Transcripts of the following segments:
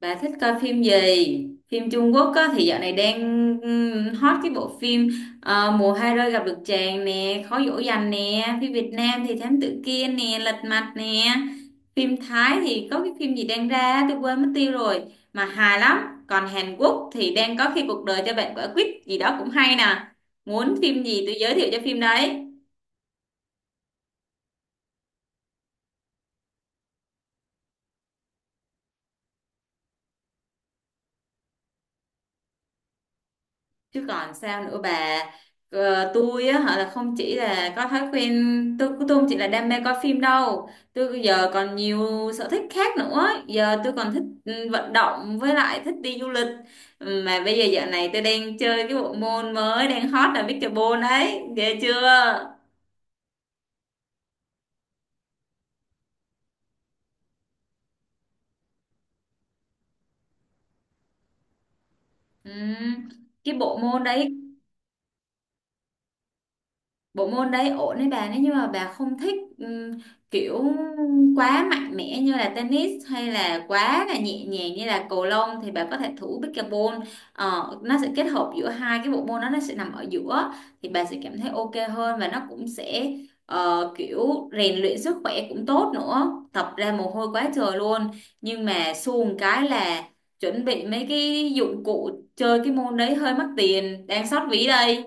Bà thích coi phim gì? Phim Trung Quốc á, thì dạo này đang hot cái bộ phim, Mùa hai rơi gặp được chàng nè, Khó dỗ dành nè, phim Việt Nam thì Thám tử Kiên nè, Lật mặt nè. Phim Thái thì có cái phim gì đang ra tôi quên mất tiêu rồi mà hài lắm. Còn Hàn Quốc thì đang có khi cuộc đời cho bạn quả quýt gì đó cũng hay nè. Muốn phim gì tôi giới thiệu cho phim đấy. Chứ còn sao nữa bà. Tôi á họ là không chỉ là có thói quen, tôi không chỉ là đam mê coi phim đâu, tôi giờ còn nhiều sở thích khác nữa. Giờ tôi còn thích, vận động, với lại thích đi du lịch. Ừ, mà bây giờ dạo này tôi đang chơi cái bộ môn mới đang hot là pickleball đấy, ghê chưa? Ừ. Cái bộ môn đấy, bộ môn đấy ổn đấy bà. Nếu như mà bà không thích kiểu quá mạnh mẽ như là tennis, hay là quá là nhẹ nhàng như là cầu lông, thì bà có thể thử pickleball. Nó sẽ kết hợp giữa hai cái bộ môn đó, nó sẽ nằm ở giữa, thì bà sẽ cảm thấy ok hơn. Và nó cũng sẽ, kiểu rèn luyện sức khỏe cũng tốt nữa, tập ra mồ hôi quá trời luôn. Nhưng mà xuồng cái là chuẩn bị mấy cái dụng cụ chơi cái môn đấy hơi mắc tiền, đang xót ví đây.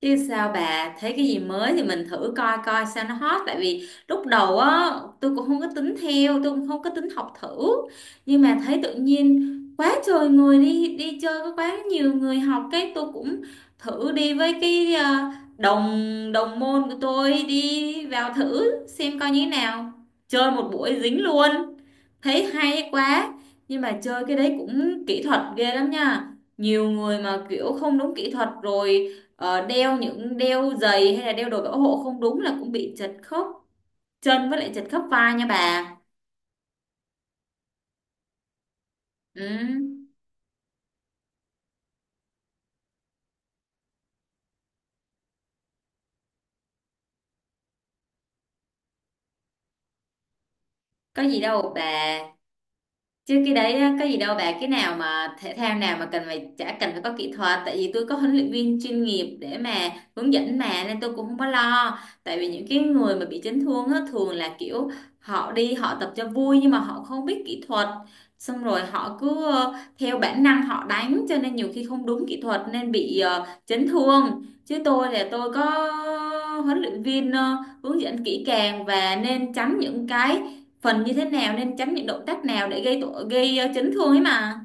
Chứ sao bà, thấy cái gì mới thì mình thử coi coi sao nó hot. Tại vì lúc đầu á, tôi cũng không có tính theo, tôi cũng không có tính học thử. Nhưng mà thấy tự nhiên quá trời người đi đi chơi, có quá nhiều người học, cái tôi cũng thử đi với cái, đồng đồng môn của tôi, đi vào thử xem coi như thế nào. Chơi một buổi dính luôn, thấy hay quá. Nhưng mà chơi cái đấy cũng kỹ thuật ghê lắm nha, nhiều người mà kiểu không đúng kỹ thuật rồi. Đeo giày hay là đeo đồ bảo hộ không đúng là cũng bị chật khớp chân, với lại chật khớp vai nha bà. Ừ, có gì đâu bà. Chứ cái đấy á, có gì đâu bà. Cái nào mà thể thao nào mà cần phải chả cần phải có kỹ thuật, tại vì tôi có huấn luyện viên chuyên nghiệp để mà hướng dẫn mà, nên tôi cũng không có lo. Tại vì những cái người mà bị chấn thương á, thường là kiểu họ đi họ tập cho vui nhưng mà họ không biết kỹ thuật, xong rồi họ cứ, theo bản năng họ đánh, cho nên nhiều khi không đúng kỹ thuật nên bị, chấn thương. Chứ tôi là tôi có huấn luyện viên, hướng dẫn kỹ càng và nên tránh những cái phần như thế nào, nên tránh những động tác nào để gây tội gây, chấn thương ấy mà.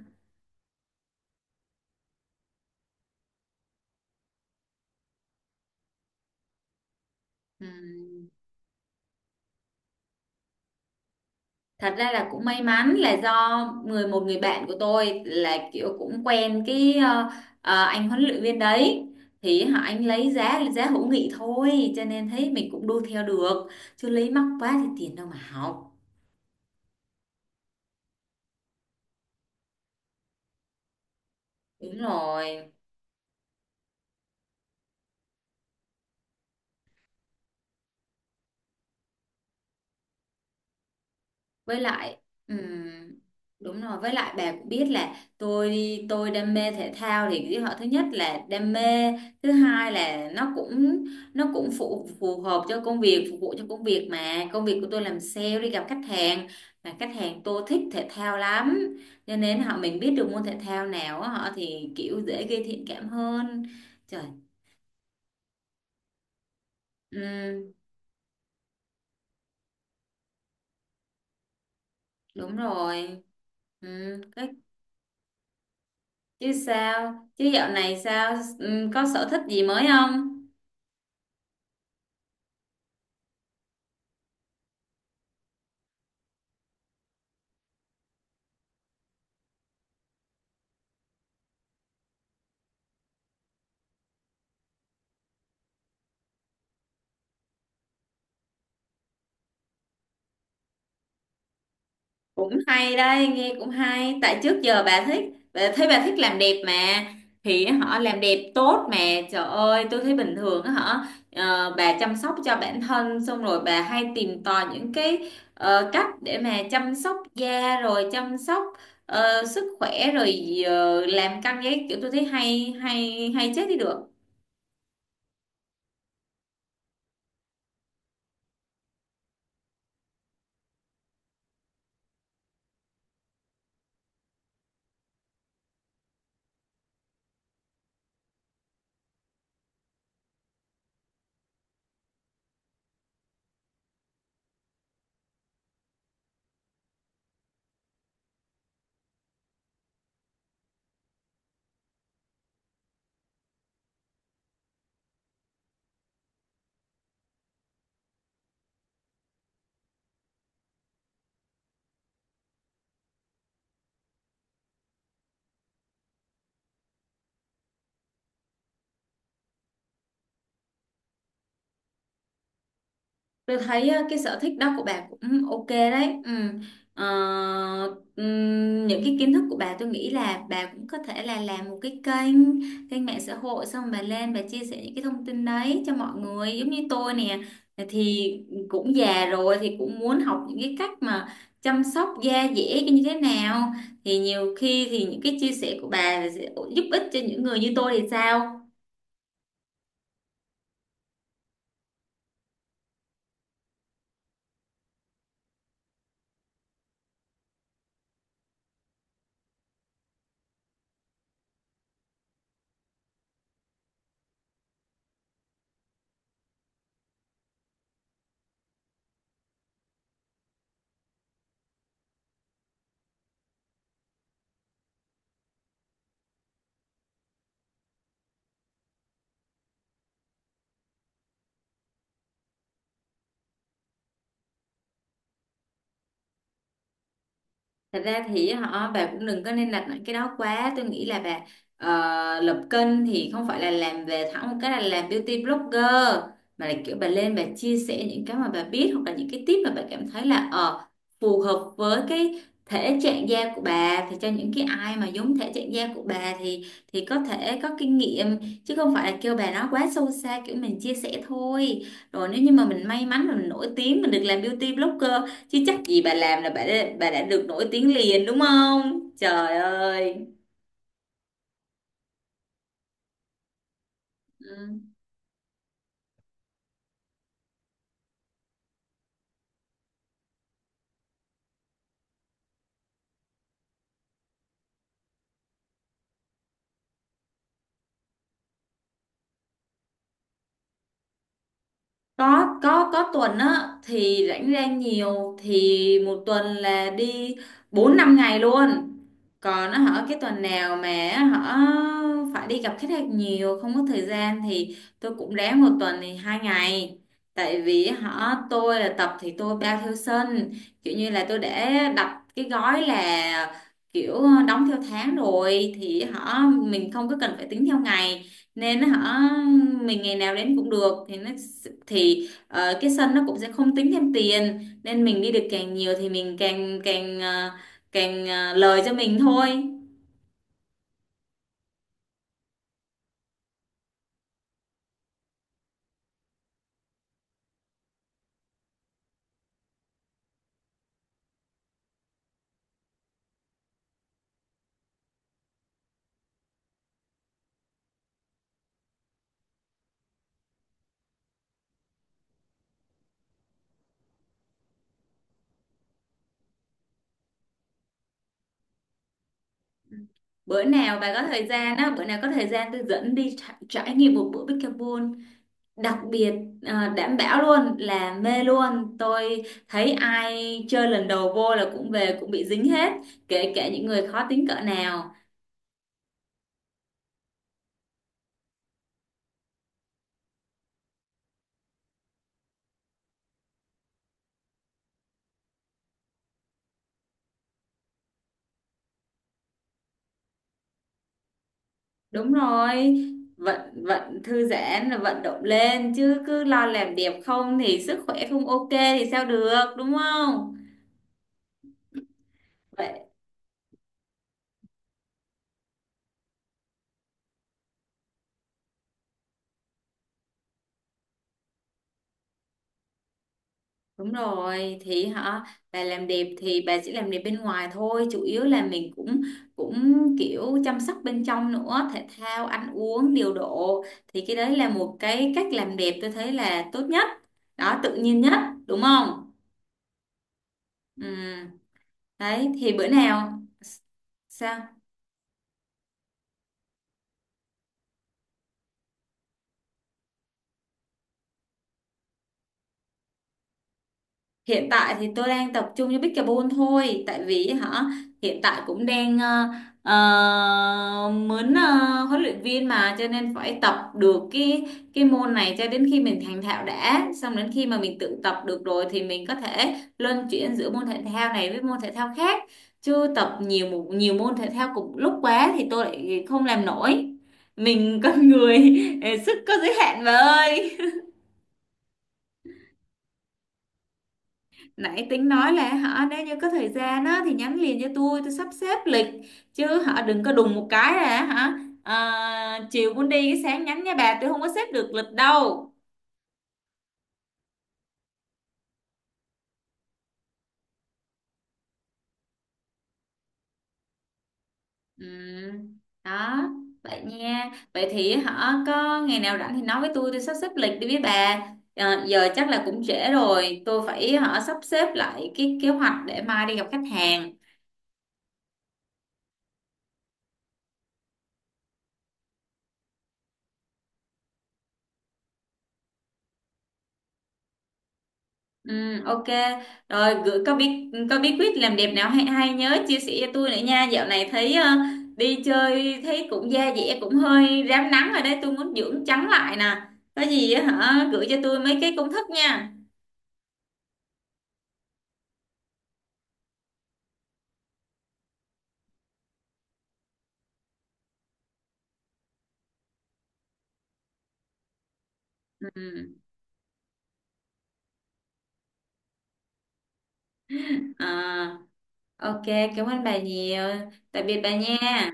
Ừm, Thật ra là cũng may mắn là do một người bạn của tôi là kiểu cũng quen cái, anh huấn luyện viên đấy, thì họ anh lấy giá giá hữu nghị thôi, cho nên thấy mình cũng đu theo được. Chứ lấy mắc quá thì tiền đâu mà học. đúng rồi với lại ừm, Đúng rồi với lại bà cũng biết là tôi đam mê thể thao. Thì cái họ thứ nhất là đam mê, thứ hai là nó cũng phù phù hợp cho công việc, phục vụ cho công việc. Mà công việc của tôi làm sale, đi gặp khách hàng, mà khách hàng tôi thích thể thao lắm, cho nên họ mình biết được môn thể thao nào á, họ thì kiểu dễ gây thiện cảm hơn. Trời, ừm, đúng rồi. Có chứ, sao chứ dạo này sao, có sở thích gì mới không? Cũng hay đây, nghe cũng hay. Tại trước giờ bà thấy bà thích làm đẹp mà. Thì họ làm đẹp tốt mà. Trời ơi tôi thấy bình thường á hả. Bà chăm sóc cho bản thân, xong rồi bà hay tìm tòi những cái, cách để mà chăm sóc da, rồi chăm sóc, sức khỏe, rồi làm căng giấy kiểu, tôi thấy hay hay hay chết đi được. Tôi thấy cái sở thích đó của bà cũng ok đấy. Ừ. Ờ, những cái kiến thức của bà tôi nghĩ là bà cũng có thể là làm một cái kênh kênh mạng xã hội, xong bà lên bà chia sẻ những cái thông tin đấy cho mọi người. Giống như tôi nè, thì cũng già rồi thì cũng muốn học những cái cách mà chăm sóc da dẻ như thế nào. Thì nhiều khi thì những cái chia sẻ của bà sẽ giúp ích cho những người như tôi thì sao? Thật ra thì họ bà cũng đừng có nên đặt nặng cái đó quá. Tôi nghĩ là bà, lập kênh thì không phải là làm về thẳng một cái là làm beauty blogger, mà là kiểu bà lên bà chia sẻ những cái mà bà biết, hoặc là những cái tip mà bà cảm thấy là, phù hợp với cái thể trạng da của bà, thì cho những cái ai mà giống thể trạng da của bà, thì có thể có kinh nghiệm. Chứ không phải là kêu bà nói quá sâu xa, kiểu mình chia sẻ thôi, rồi nếu như mà mình may mắn mà mình nổi tiếng mình được làm beauty blogger. Chứ chắc gì bà làm là bà đã được nổi tiếng liền, đúng không trời ơi. Ừ. Có tuần á thì rảnh rang nhiều, thì một tuần là đi bốn năm ngày luôn. Còn nó hở cái tuần nào mà á phải đi gặp khách hàng nhiều không có thời gian, thì tôi cũng ráng một tuần thì 2 ngày. Tại vì họ tôi là tập thì tôi bao theo sân, kiểu như là tôi để đặt cái gói là kiểu đóng theo tháng rồi, thì họ mình không có cần phải tính theo ngày nên hả, mình ngày nào đến cũng được thì nó, thì, cái sân nó cũng sẽ không tính thêm tiền. Nên mình đi được càng nhiều thì mình càng càng ờ, lời cho mình thôi. Bữa nào bà có thời gian á, bữa nào có thời gian tôi dẫn đi trải nghiệm một bữa pickleball đặc biệt. Đảm bảo luôn là mê luôn. Tôi thấy ai chơi lần đầu vô là cũng về cũng bị dính hết, kể cả những người khó tính cỡ nào. Đúng rồi, vận vận thư giãn là vận động lên. Chứ cứ lo làm đẹp không thì sức khỏe không ok thì sao được, đúng không? Vậy đúng rồi thì hả, bà làm đẹp thì bà chỉ làm đẹp bên ngoài thôi. Chủ yếu là mình cũng cũng kiểu chăm sóc bên trong nữa, thể thao ăn uống điều độ, thì cái đấy là một cái cách làm đẹp tôi thấy là tốt nhất, đó tự nhiên nhất, đúng không? Ừ. Đấy thì bữa nào sao? Hiện tại thì tôi đang tập trung cho pickleball thôi. Tại vì hả hiện tại cũng đang, muốn, huấn luyện viên mà, cho nên phải tập được cái môn này cho đến khi mình thành thạo đã. Xong đến khi mà mình tự tập được rồi thì mình có thể luân chuyển giữa môn thể thao này với môn thể thao khác. Chứ tập nhiều môn thể thao cùng lúc quá thì tôi lại không làm nổi. Mình con người sức có giới hạn mà ơi. Nãy tính nói là hả, nếu như có thời gian á thì nhắn liền cho tôi sắp xếp lịch. Chứ hả đừng có đùng một cái là hả, chiều muốn đi cái sáng nhắn nha bà, tôi không có xếp được lịch đâu. Ừ. Đó vậy nha. Vậy thì hả có ngày nào rảnh thì nói với tôi sắp xếp lịch đi với bà. Giờ chắc là cũng trễ rồi, tôi phải hả sắp xếp lại cái kế hoạch để mai đi gặp khách hàng. Ừ, ok. Rồi gửi có bí quyết làm đẹp nào hay hay nhớ chia sẻ cho tôi nữa nha. Dạo này thấy, đi chơi thấy cũng da dẻ cũng hơi rám nắng rồi đấy, tôi muốn dưỡng trắng lại nè. Có gì á hả gửi cho tôi mấy cái công thức nha. Ừ. à, ok, cảm ơn bà nhiều. Tạm biệt bà nha.